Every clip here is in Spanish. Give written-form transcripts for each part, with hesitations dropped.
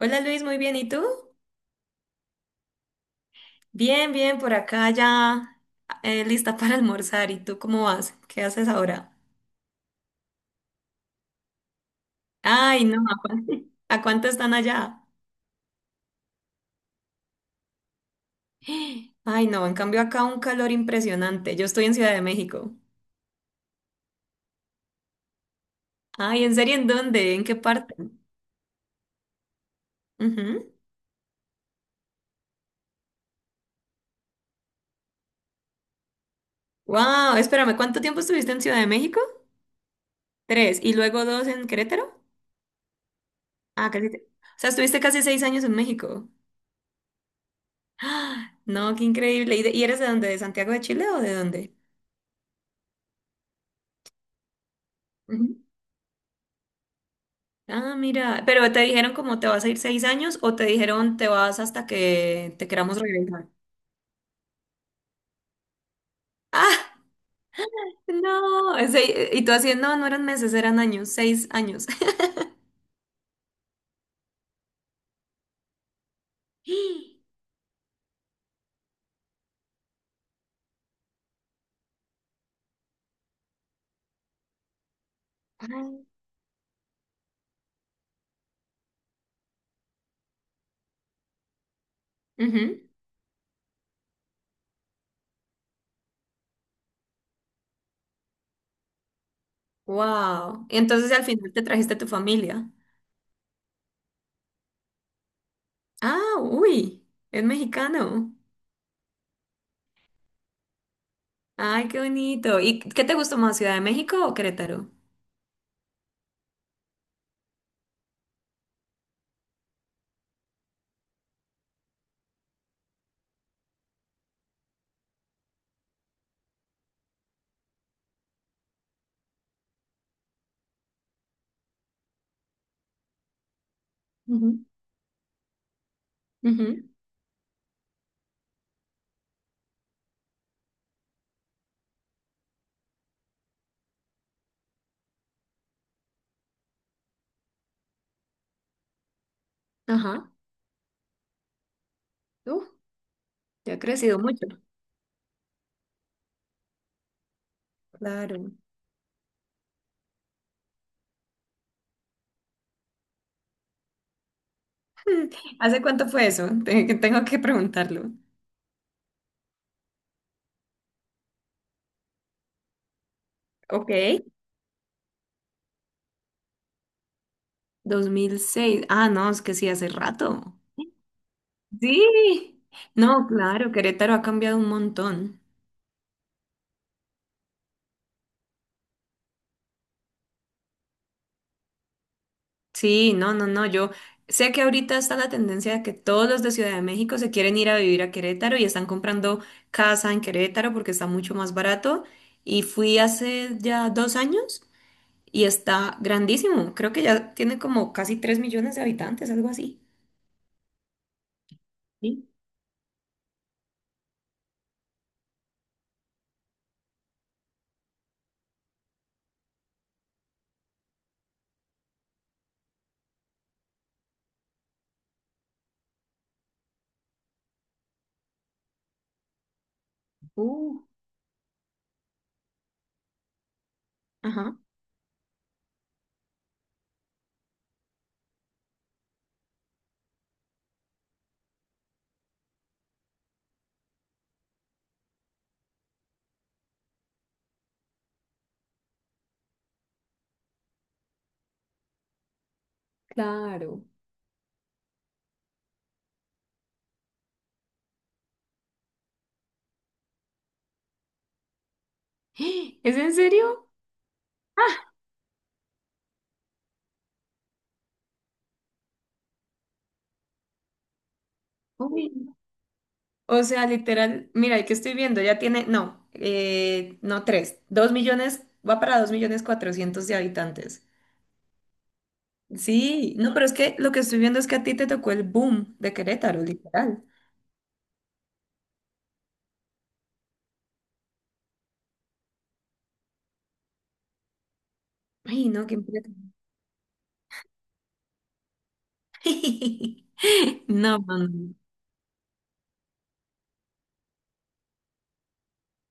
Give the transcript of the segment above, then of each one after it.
Hola Luis, muy bien. ¿Y tú? Bien, bien, por acá ya lista para almorzar. ¿Y tú cómo vas? ¿Qué haces ahora? Ay, no, ¿a cuánto, a cuánto están allá? Ay, no, en cambio acá un calor impresionante. Yo estoy en Ciudad de México. Ay, ¿en serio en dónde? ¿En qué parte? Wow, espérame, ¿cuánto tiempo estuviste en Ciudad de México? Tres, y luego dos en Querétaro. Ah, casi. O sea, estuviste casi 6 años en México. ¡Ah! No, qué increíble. ¿Y, y eres de dónde? ¿De Santiago de Chile o de dónde? Ah, mira, pero te dijeron cómo te vas a ir 6 años o te dijeron te vas hasta que te queramos regresar. Ah, no, y tú así, no, no eran meses, eran años, 6 años. Wow. Entonces al final te trajiste a tu familia. Ah, uy, es mexicano. Ay, qué bonito. ¿Y qué te gustó más, Ciudad de México o Querétaro? Ujú, ujú. Ajá. Uf, ya ha crecido mucho. Claro. ¿Hace cuánto fue eso? Que tengo que preguntarlo. Ok. 2006. Ah, no, es que sí, hace rato. Sí. No, claro, Querétaro ha cambiado un montón. Sí, no, no, no. Yo sé que ahorita está la tendencia de que todos los de Ciudad de México se quieren ir a vivir a Querétaro y están comprando casa en Querétaro porque está mucho más barato. Y fui hace ya 2 años y está grandísimo. Creo que ya tiene como casi 3 millones de habitantes, algo así. Sí. Uh. Ajá. Claro. ¿Es en serio? Uy. O sea, literal, mira, el que estoy viendo ya tiene, no, no tres, 2 millones, va para 2.400.000 de habitantes. Sí, no, pero es que lo que estoy viendo es que a ti te tocó el boom de Querétaro, literal. Ay, no, qué impresión. No, no, no.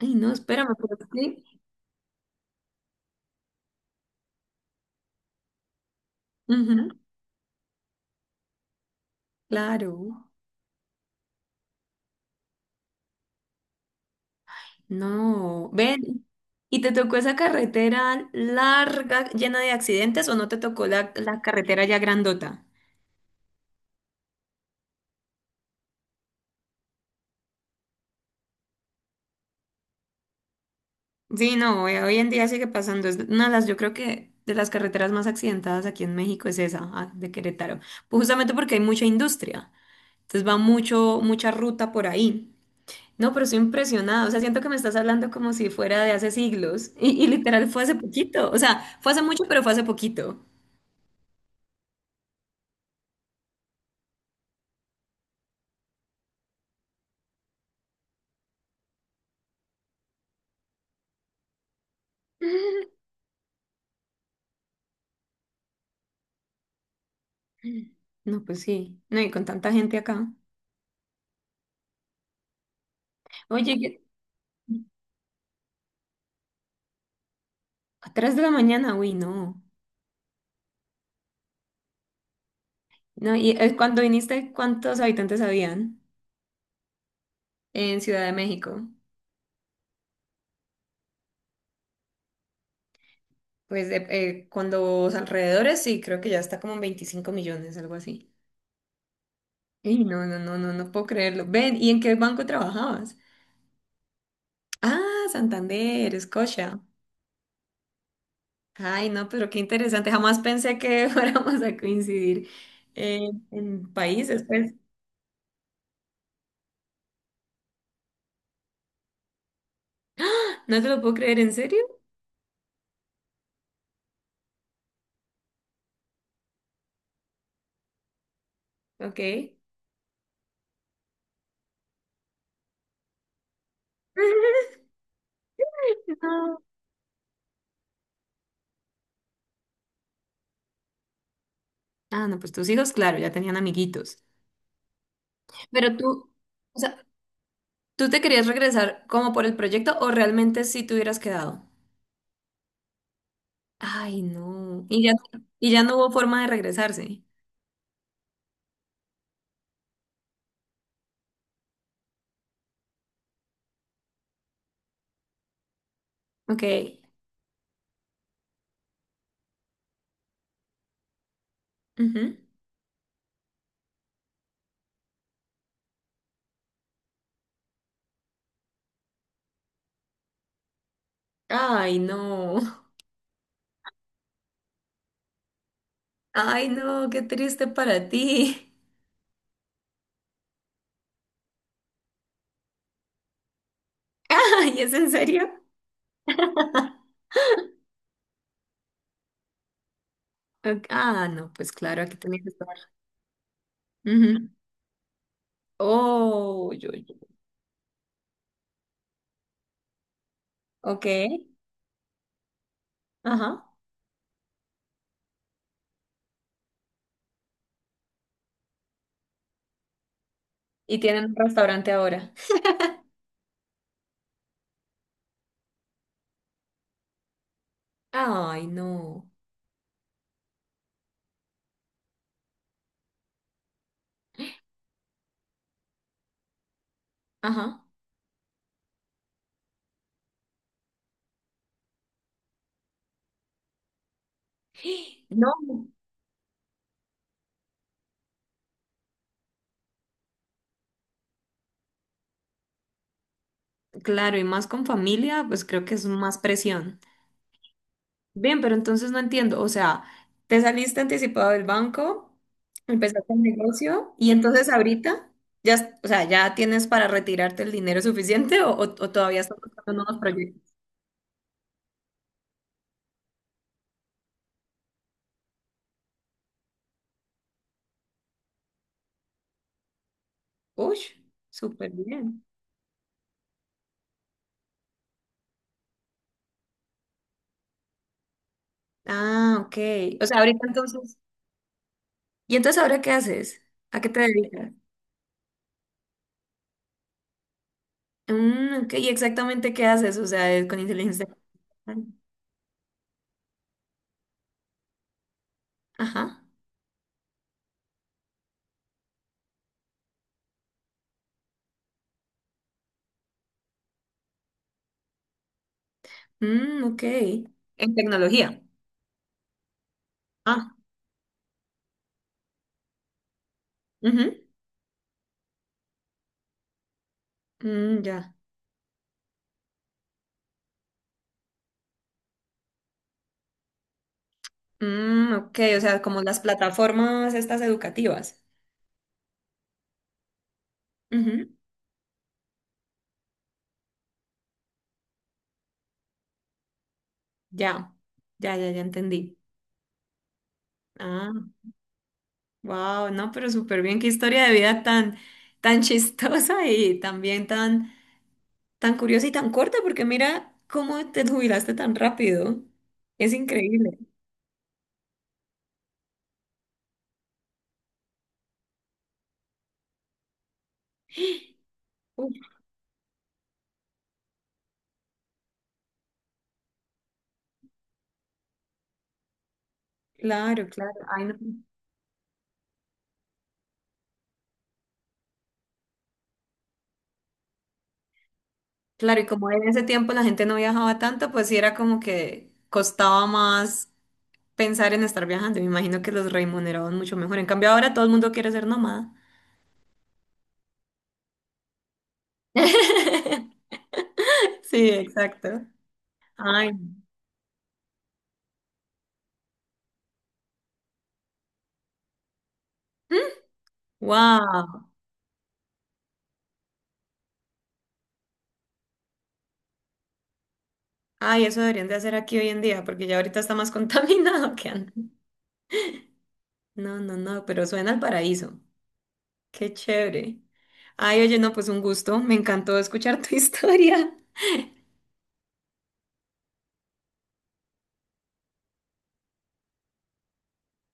Ay, no, espérame, pero ujú, claro, no, ven. ¿Y te tocó esa carretera larga, llena de accidentes, o no te tocó la, la carretera ya grandota? Sí, no, hoy en día sigue pasando. Es una de las, yo creo que de las carreteras más accidentadas aquí en México es esa, ah, de Querétaro. Pues justamente porque hay mucha industria. Entonces va mucho, mucha ruta por ahí. No, pero estoy impresionada. O sea, siento que me estás hablando como si fuera de hace siglos. Y literal fue hace poquito. O sea, fue hace mucho, pero fue hace poquito. No, pues sí. No, y con tanta gente acá. Oye, a 3 de la mañana, uy, no. No, y cuando viniste, ¿cuántos habitantes habían en Ciudad de México? Pues con los alrededores, sí, creo que ya está como en 25 millones, algo así. Y no, no, no, no, no puedo creerlo. Ven, ¿y en qué banco trabajabas? Ah, Santander, Escocia. Ay, no, pero qué interesante. Jamás pensé que fuéramos a coincidir en países, pues. No te lo puedo creer, ¿en serio? Ok. No. Ah, no, pues tus hijos, claro, ya tenían amiguitos. Pero tú, o sea, ¿tú te querías regresar como por el proyecto o realmente sí te hubieras quedado? Ay, no. Y ya no hubo forma de regresarse. Ok. Ujú. Ay, no. Ay, no, qué triste para ti. Ay, ¿es en serio? Ok. Ah, no, pues claro, aquí tenía que estar. Ujú. Oh, yo, yo. Ok. Ajá. Y tienen un restaurante ahora. Ay, no. Ajá. No. Claro, y más con familia, pues creo que es más presión. Bien, pero entonces no entiendo. O sea, te saliste anticipado del banco, empezaste el negocio y entonces ahorita ya, o sea, ya tienes para retirarte el dinero suficiente o todavía estás buscando unos proyectos. Uy, súper bien. Ah, ok. O sea, ahorita entonces. ¿Y entonces ahora qué haces? ¿A qué te dedicas? Mm, ok, ¿y exactamente qué haces? O sea, es con inteligencia artificial. Ajá. Mm, ok. En tecnología. Ah, ujú. Mm, ya. Mm, ok, o sea, como las plataformas estas educativas. Ujú, ya, ya, ya, ya entendí. Ah, wow, no, pero súper bien, qué historia de vida tan, tan chistosa y también tan, tan curiosa y tan corta, porque mira cómo te jubilaste tan rápido. Es increíble. Uf, claro, claro. Ay, no. Claro, y como en ese tiempo la gente no viajaba tanto, pues sí era como que costaba más pensar en estar viajando. Me imagino que los remuneraban mucho mejor. En cambio, ahora todo el mundo quiere ser nómada. Sí, exacto. Ay, wow. Ay, eso deberían de hacer aquí hoy en día, porque ya ahorita está más contaminado que antes. No, no, no, pero suena al paraíso. Qué chévere. Ay, oye, no, pues un gusto. Me encantó escuchar tu historia.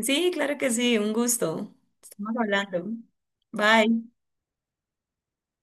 Sí, claro que sí, un gusto. Estamos hablando. Bye.